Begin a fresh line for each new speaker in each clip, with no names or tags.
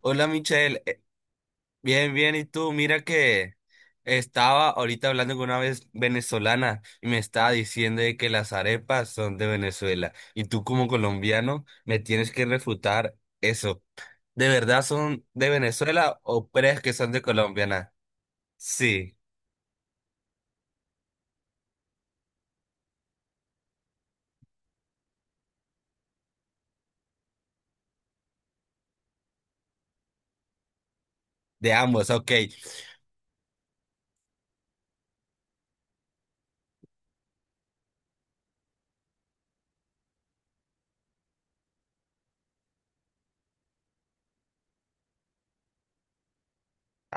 Hola Michelle, bien, bien, ¿y tú? Mira que estaba ahorita hablando con una vez venezolana y me estaba diciendo de que las arepas son de Venezuela y tú como colombiano me tienes que refutar eso. ¿De verdad son de Venezuela o crees que son de Colombia? ¿Na? Sí, de ambos, ok.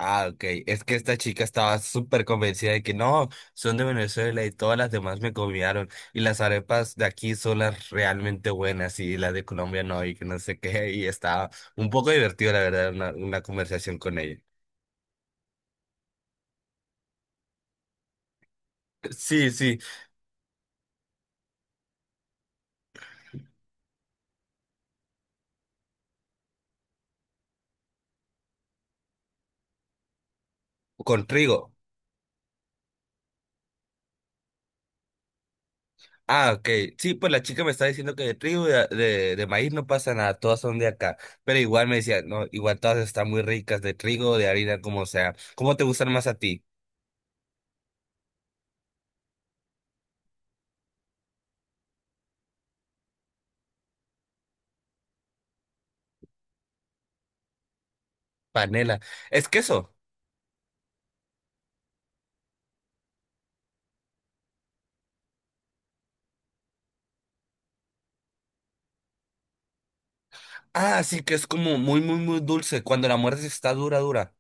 Ah, ok. Es que esta chica estaba súper convencida de que no, son de Venezuela y todas las demás me copiaron. Y las arepas de aquí son las realmente buenas y las de Colombia no, y que no sé qué. Y estaba un poco divertido, la verdad, una conversación con ella. Sí, sí, con trigo. Ah, ok. Sí, pues la chica me está diciendo que de trigo y de maíz no pasa nada, todas son de acá. Pero igual me decía, no, igual todas están muy ricas, de trigo, de harina, como sea. ¿Cómo te gustan más a ti? Panela. Es queso. Ah, sí, que es como muy, muy, muy dulce. Cuando la muerte está dura, dura.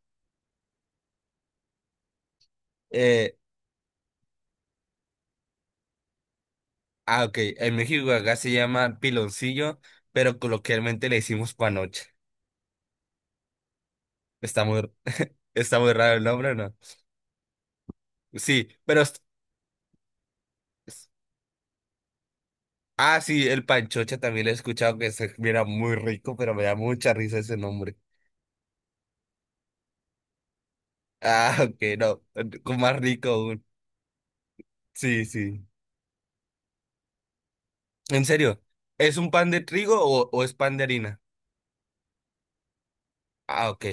Eh, ok. En México acá se llama piloncillo, pero coloquialmente le decimos panocha. Está muy, está muy raro el nombre, ¿no? Sí, pero es- Ah, sí, el panchocha también lo he escuchado que se mira muy rico, pero me da mucha risa ese nombre. Ah, ok, no. Con más rico aún. Sí, sí. En serio, ¿es un pan de trigo o es pan de harina? Ah, ok.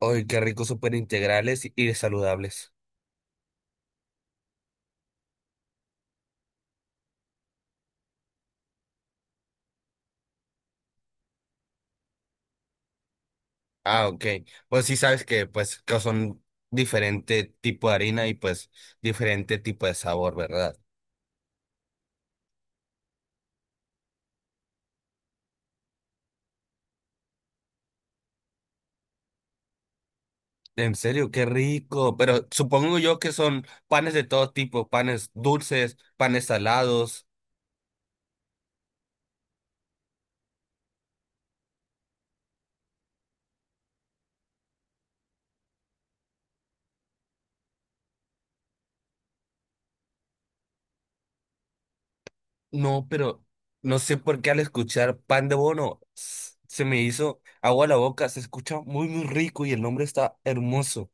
Ay, qué rico, súper integrales y saludables. Ah, ok. Pues sí sabes que pues que son diferente tipo de harina y pues diferente tipo de sabor, ¿verdad? En serio, qué rico. Pero supongo yo que son panes de todo tipo, panes dulces, panes salados. No, pero no sé por qué al escuchar pan de bono se me hizo agua a la boca. Se escucha muy, muy rico y el nombre está hermoso.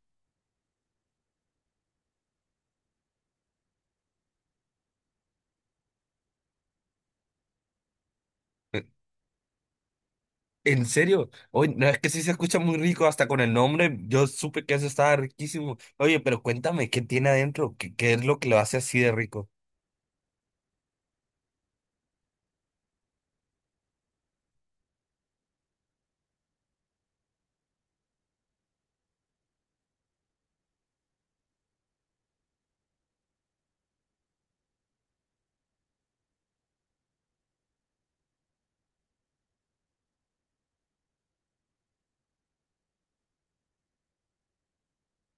¿En serio? Oye, no, es que sí se escucha muy rico, hasta con el nombre, yo supe que eso estaba riquísimo. Oye, pero cuéntame, ¿qué tiene adentro? ¿Qué, qué es lo que lo hace así de rico?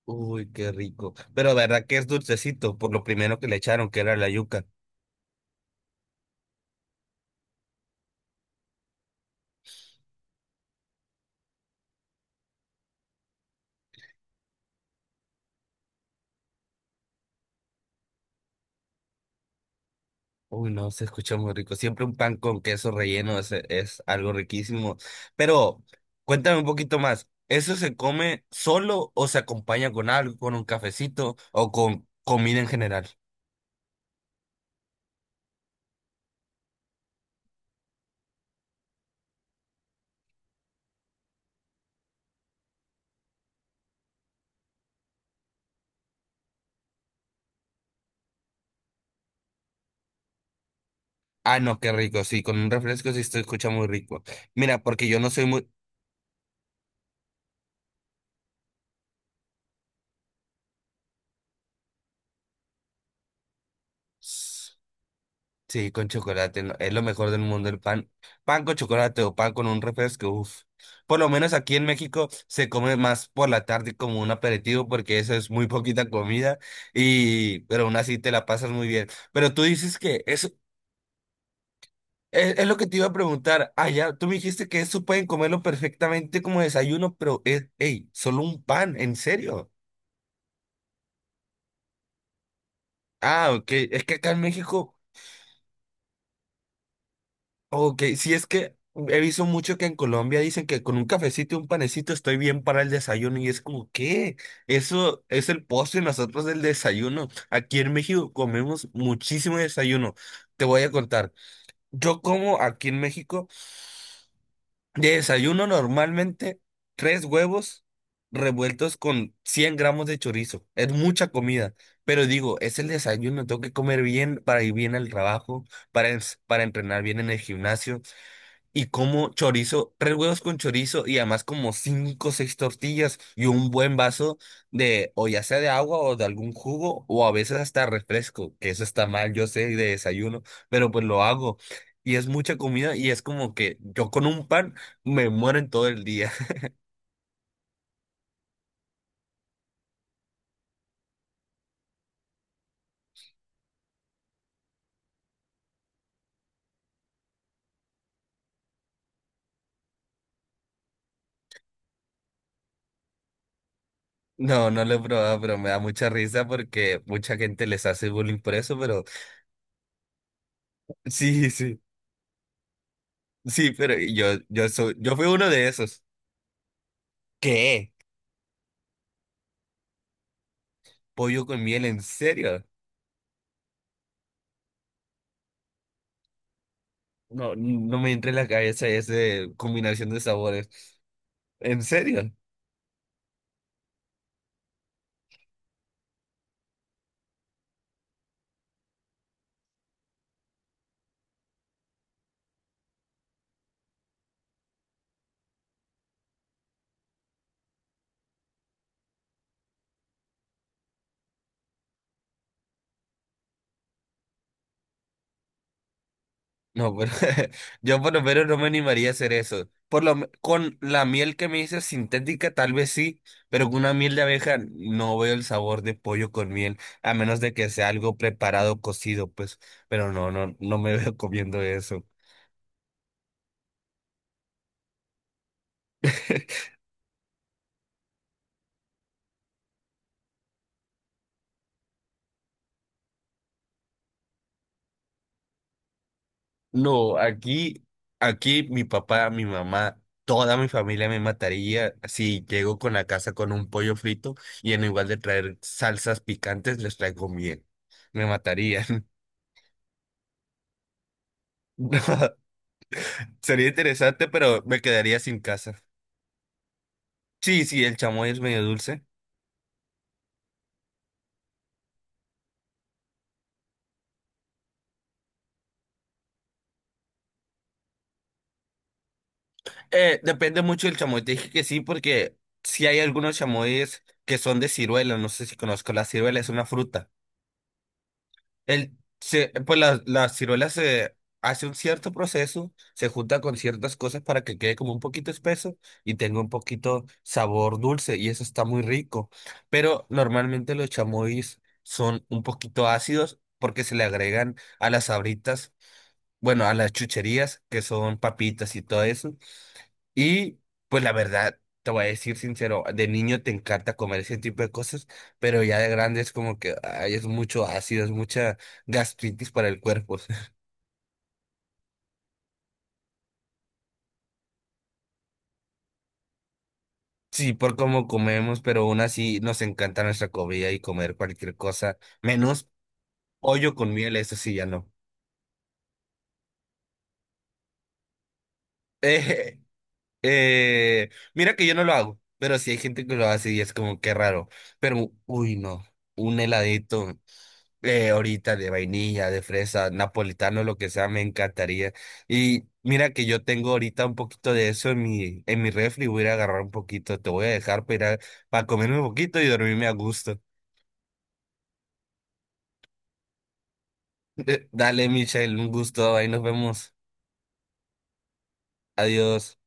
Uy, qué rico. Pero verdad que es dulcecito, por lo primero que le echaron, que era la yuca. Uy, no, se escucha muy rico. Siempre un pan con queso relleno es algo riquísimo. Pero cuéntame un poquito más, ¿eso se come solo o se acompaña con algo, con un cafecito o con comida en general? Ah, no, qué rico, sí, con un refresco sí se escucha muy rico. Mira, porque yo no soy muy... Sí, con chocolate, no, es lo mejor del mundo el pan. Pan con chocolate o pan con un refresco, uff. Por lo menos aquí en México se come más por la tarde como un aperitivo porque eso es muy poquita comida y pero aún así te la pasas muy bien. Pero tú dices que eso es lo que te iba a preguntar. Ah, ya, tú me dijiste que eso pueden comerlo perfectamente como desayuno, pero es, hey, solo un pan, ¿en serio? Ah, ok. Es que acá en México ok, sí es que he visto mucho que en Colombia dicen que con un cafecito y un panecito estoy bien para el desayuno y es como, ¿qué? Eso es el postre y nosotros el desayuno. Aquí en México comemos muchísimo desayuno. Te voy a contar. Yo como aquí en México de desayuno normalmente tres huevos revueltos con 100 gramos de chorizo. Es mucha comida, pero digo, es el desayuno, tengo que comer bien para ir bien al trabajo, para entrenar bien en el gimnasio. Y como chorizo, tres huevos con chorizo y además como cinco o seis tortillas y un buen vaso de, o ya sea de agua o de algún jugo o a veces hasta refresco, que eso está mal, yo sé, de desayuno, pero pues lo hago. Y es mucha comida y es como que yo con un pan me muero en todo el día. No, no lo he probado, pero me da mucha risa porque mucha gente les hace bullying por eso, pero sí, sí, sí, pero yo fui uno de esos. ¿Qué? ¿Pollo con miel? ¿En serio? No, no me entra en la cabeza esa combinación de sabores. ¿En serio? No, pero yo por lo menos no me animaría a hacer eso. Con la miel que me dices sintética, tal vez sí, pero con una miel de abeja no veo el sabor de pollo con miel, a menos de que sea algo preparado, cocido, pues. Pero no, no, no me veo comiendo eso. No, aquí, aquí mi papá, mi mamá, toda mi familia me mataría si llego con la casa con un pollo frito y en lugar de traer salsas picantes les traigo miel. Me matarían. No, sería interesante, pero me quedaría sin casa. Sí, sí, el chamoy es medio dulce. Depende mucho del chamoy. Te dije que sí, porque si hay algunos chamoyes que son de ciruela. No sé si conozco la ciruela, es una fruta. El, pues la ciruela se hace un cierto proceso, se junta con ciertas cosas para que quede como un poquito espeso y tenga un poquito sabor dulce y eso está muy rico. Pero normalmente los chamois son un poquito ácidos porque se le agregan a las sabritas, bueno, a las chucherías que son papitas y todo eso. Y pues la verdad, te voy a decir sincero, de niño te encanta comer ese tipo de cosas, pero ya de grande es como que ay, es mucho ácido, es mucha gastritis para el cuerpo. Sí, por cómo comemos, pero aún así nos encanta nuestra comida y comer cualquier cosa, menos pollo con miel, eso sí ya no. Eh, mira que yo no lo hago, pero sí hay gente que lo hace y es como que raro. Pero, uy, no, un heladito. Eh, ahorita de vainilla, de fresa, napolitano, lo que sea, me encantaría. Y mira que yo tengo ahorita un poquito de eso en mi refri, voy a ir a agarrar un poquito, te voy a dejar para ir a para comerme un poquito y dormirme a gusto. Dale, Michelle, un gusto, ahí nos vemos. Adiós.